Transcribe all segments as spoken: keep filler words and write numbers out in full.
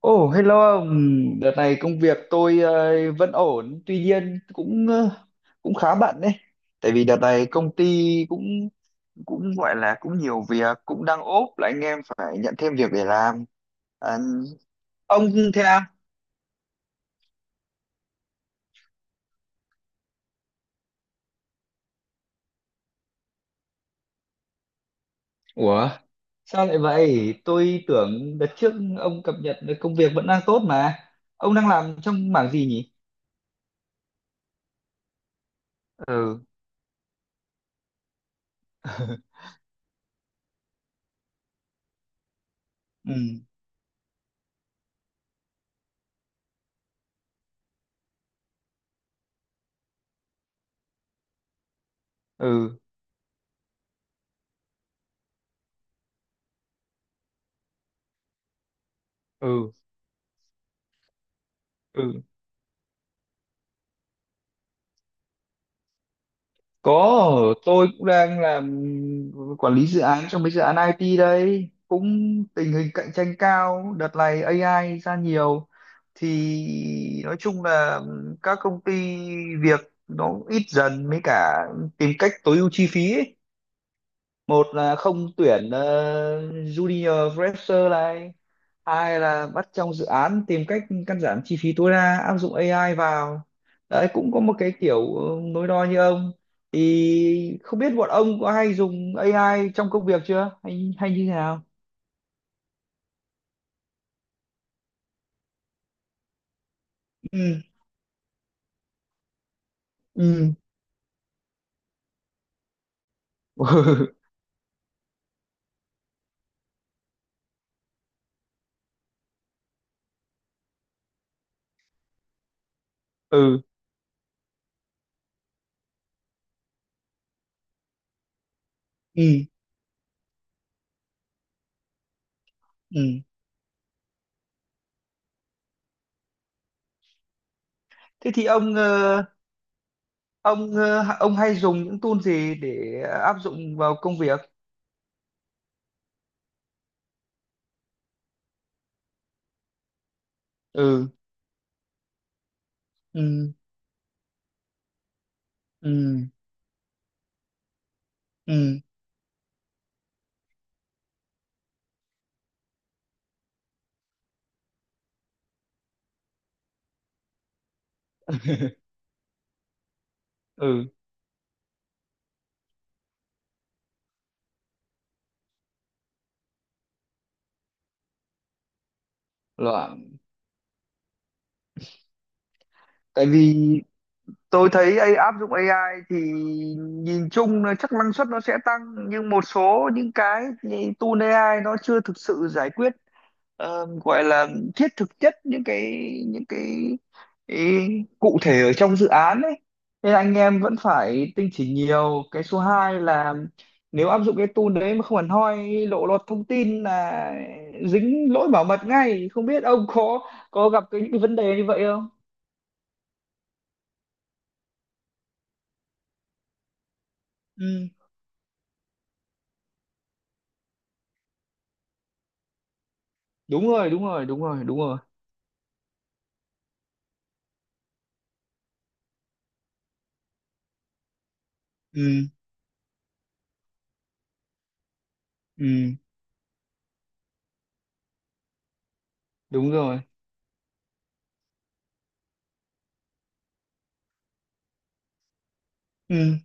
Ồ, oh, hello ông. Đợt này công việc tôi ờ, vẫn ổn, tuy nhiên cũng ờ, cũng khá bận đấy. Tại vì đợt này công ty cũng cũng gọi là cũng nhiều việc, cũng đang ốp là anh em phải nhận thêm việc để làm. À, ông thế à? Ủa, sao lại vậy? Tôi tưởng đợt trước ông cập nhật được công việc vẫn đang tốt mà. Ông đang làm trong mảng gì nhỉ? Ừ. Ừ, ừ, ừ. Ừ. Có, tôi cũng đang làm quản lý dự án trong mấy dự án i tê đây. Cũng tình hình cạnh tranh cao, đợt này ây ai ra nhiều. Thì nói chung là các công ty việc nó ít dần, với cả tìm cách tối ưu chi phí ấy. Một là không tuyển ờ, junior fresher này, hai là bắt trong dự án tìm cách cắt giảm chi phí tối đa, áp dụng ây ai vào đấy. Cũng có một cái kiểu ờ, nối đo như ông, thì không biết bọn ông có hay dùng a i trong công việc chưa, hay hay như thế nào? Ừ. Ừ. Ừ. Ừ. Ừ. Thế thì ông ờ, ông ờ, ông hay dùng những tool gì để áp dụng vào công việc? Ừ. Ừ. Ừ. Ừ. Ừ. Loạn. Tại vì tôi thấy ây ai, áp dụng ây ai thì nhìn chung là chắc năng suất nó sẽ tăng, nhưng một số những cái như tool ây ai nó chưa thực sự giải quyết ờ, gọi là thiết thực chất những cái những cái, cái cụ thể ở trong dự án ấy. Nên anh em vẫn phải tinh chỉnh nhiều. Cái số hai là nếu áp dụng cái tool đấy mà không hẳn hoi, lộ lọt thông tin là dính lỗi bảo mật ngay. Không biết ông có có gặp cái những cái vấn đề như vậy không? Ừ. Đúng rồi đúng rồi đúng rồi đúng rồi. Ừ. Ừ. Đúng rồi. Ừ.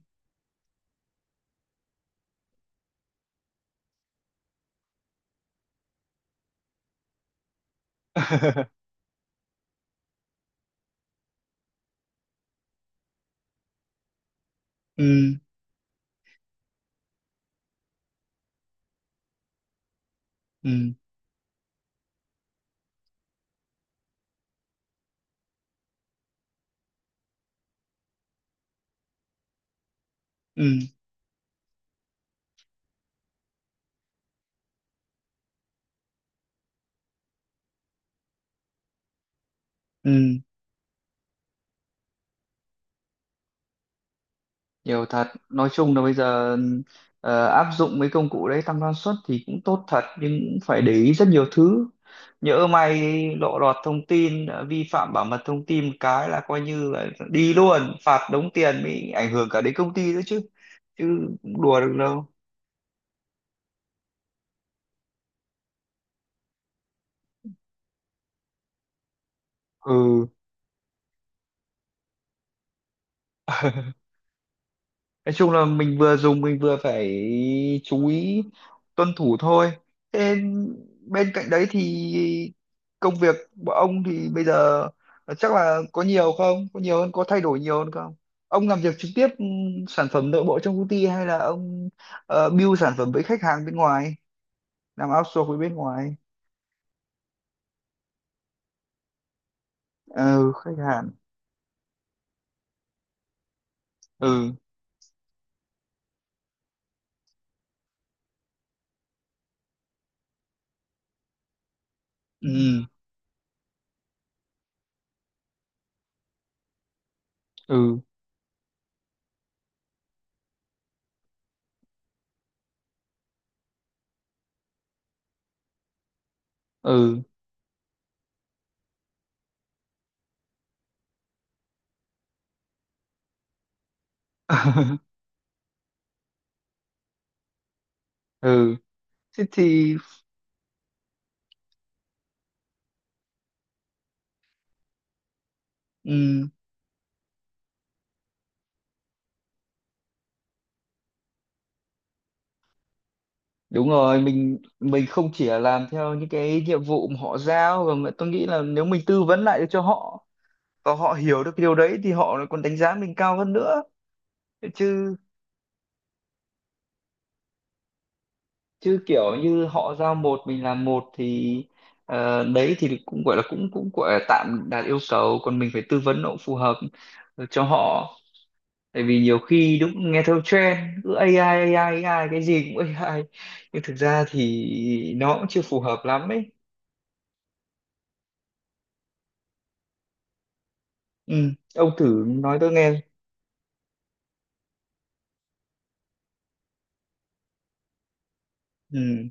Ừ. Ừ. Ừ. Ừ. Nhiều thật. Nói chung là bây giờ ờ, áp dụng mấy công cụ đấy tăng năng suất thì cũng tốt thật, nhưng cũng phải để ý rất nhiều thứ. Nhỡ may lộ lọt thông tin, ờ, vi phạm bảo mật thông tin một cái là coi như là đi luôn, phạt đống tiền, mới ảnh hưởng cả đến công ty nữa chứ. Chứ cũng đùa được đâu. Ừ. Nói chung là mình vừa dùng mình vừa phải chú ý tuân thủ thôi. Thế bên cạnh đấy thì công việc của ông thì bây giờ chắc là có nhiều không có nhiều hơn, có thay đổi nhiều hơn không? Ông làm việc trực tiếp ừ, sản phẩm nội bộ trong công ty, hay là ông ờ, build sản phẩm với khách hàng bên ngoài, làm outsource với bên ngoài? Ừ, khách hàng. Ừ. Ừ. Ừ. Ừ. Ừ. Thế thì. Ừ. Đúng rồi, mình mình không chỉ là làm theo những cái nhiệm vụ mà họ giao, và mà tôi nghĩ là nếu mình tư vấn lại được cho họ và họ hiểu được cái điều đấy thì họ lại còn đánh giá mình cao hơn nữa. Chứ chứ kiểu như họ giao một mình làm một thì ờ, đấy thì cũng gọi là cũng cũng gọi là tạm đạt yêu cầu, còn mình phải tư vấn nó cũng phù hợp cho họ. Tại vì nhiều khi đúng nghe theo trend, cứ AI AI AI, cái gì cũng AI, nhưng thực ra thì nó cũng chưa phù hợp lắm ấy. Ừ. Ông thử nói tôi nghe. Ừ.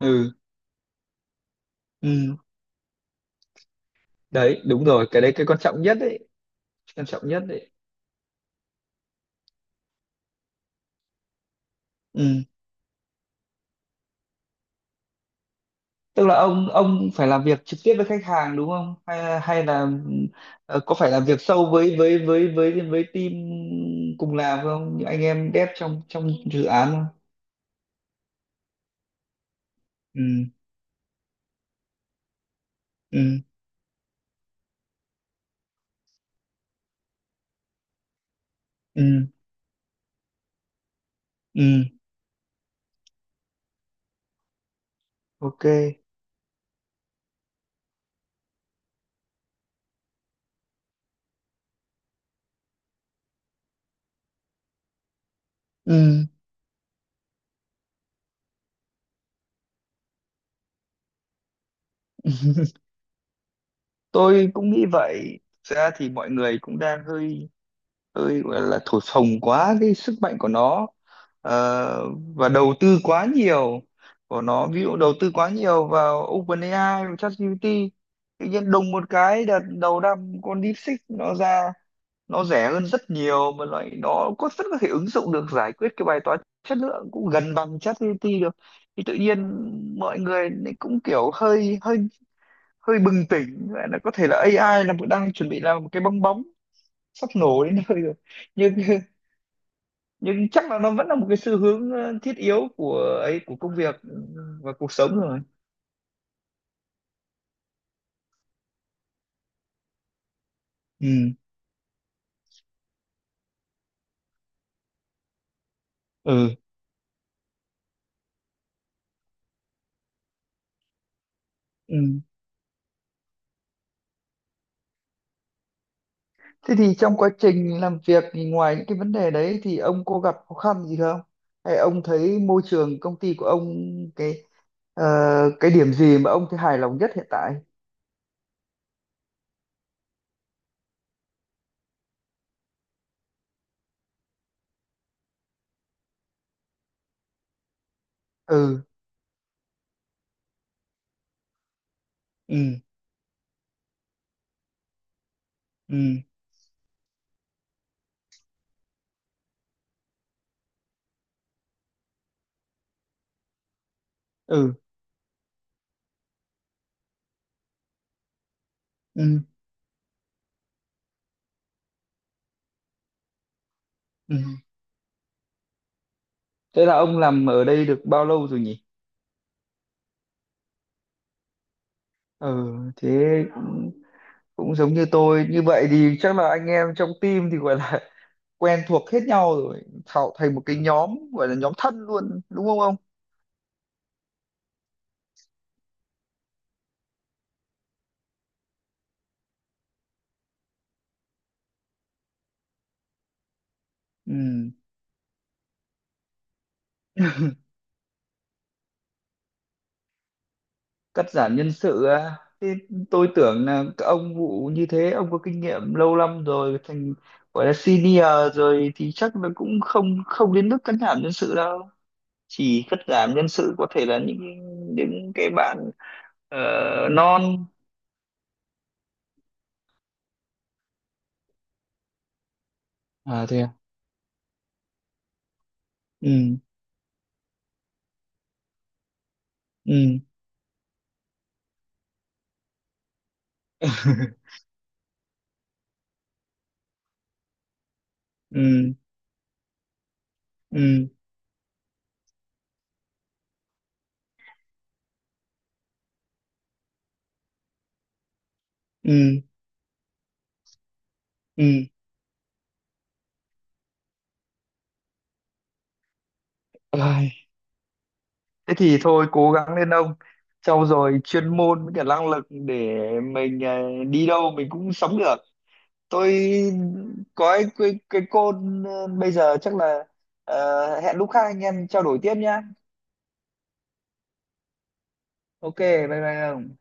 Ừ. Ừ. Đấy, đúng rồi, cái đấy cái quan trọng nhất đấy. Quan trọng nhất đấy. Ừ. Tức là ông ông phải làm việc trực tiếp với khách hàng đúng không, hay hay là ờ, có phải làm việc sâu với với với với với team cùng làm không, những anh em dev trong trong dự án không? Ừ. Ừ. Ừ. Ừ. Ok. Ừ. Tôi cũng nghĩ vậy. Thực ra thì mọi người cũng đang hơi, tôi gọi là thổi phồng quá cái sức mạnh của nó. Ờ, và đầu tư quá nhiều của nó, ví dụ đầu tư quá nhiều vào OpenAI và ChatGPT, tự nhiên đùng một cái đợt đầu năm con DeepSeek nó ra, nó rẻ hơn rất nhiều mà loại nó có rất có thể ứng dụng được, giải quyết cái bài toán chất lượng cũng gần bằng ChatGPT được. Thì tự nhiên mọi người lại cũng kiểu hơi hơi hơi bừng tỉnh, gọi là có thể là a i là đang chuẩn bị làm một cái bong bóng sắp nổ đến nơi rồi. Nhưng nhưng chắc là nó vẫn là một cái xu hướng ờ, thiết yếu của ấy, của công việc và cuộc sống rồi. Ừ. Ừ. Ừ. Thế thì trong quá trình làm việc thì ngoài những cái vấn đề đấy thì ông có gặp khó khăn gì không, hay ông thấy môi trường công ty của ông cái ờ, cái điểm gì mà ông thấy hài lòng nhất hiện tại? Ừ. Ừ. Ừ. Ừ. Ừ. Ừ. Thế là ông làm ở đây được bao lâu rồi nhỉ? Ừ. Thế cũng cũng giống như tôi. Như vậy thì chắc là anh em trong team thì gọi là quen thuộc hết nhau rồi, tạo thành một cái nhóm gọi là nhóm thân luôn đúng không ông? Ừ. Cắt giảm nhân sự à? Thế tôi tưởng là các ông vụ như thế, ông có kinh nghiệm lâu năm rồi thành gọi là senior rồi thì chắc là cũng không không đến mức cắt giảm nhân sự đâu. Chỉ cắt giảm nhân sự có thể là những những cái bạn ờ, non. À thế à. Ừ. Ừ. Ừ. Ừ. Ừ. Ừ. Ôi. Thế thì thôi cố gắng lên ông, sau rồi chuyên môn với cả năng lực để mình ờ, đi đâu mình cũng sống được. Tôi có cái, cái, cái côn ờ, bây giờ chắc là ờ, hẹn lúc khác anh em trao đổi tiếp nhá. Ok, bye bye ông.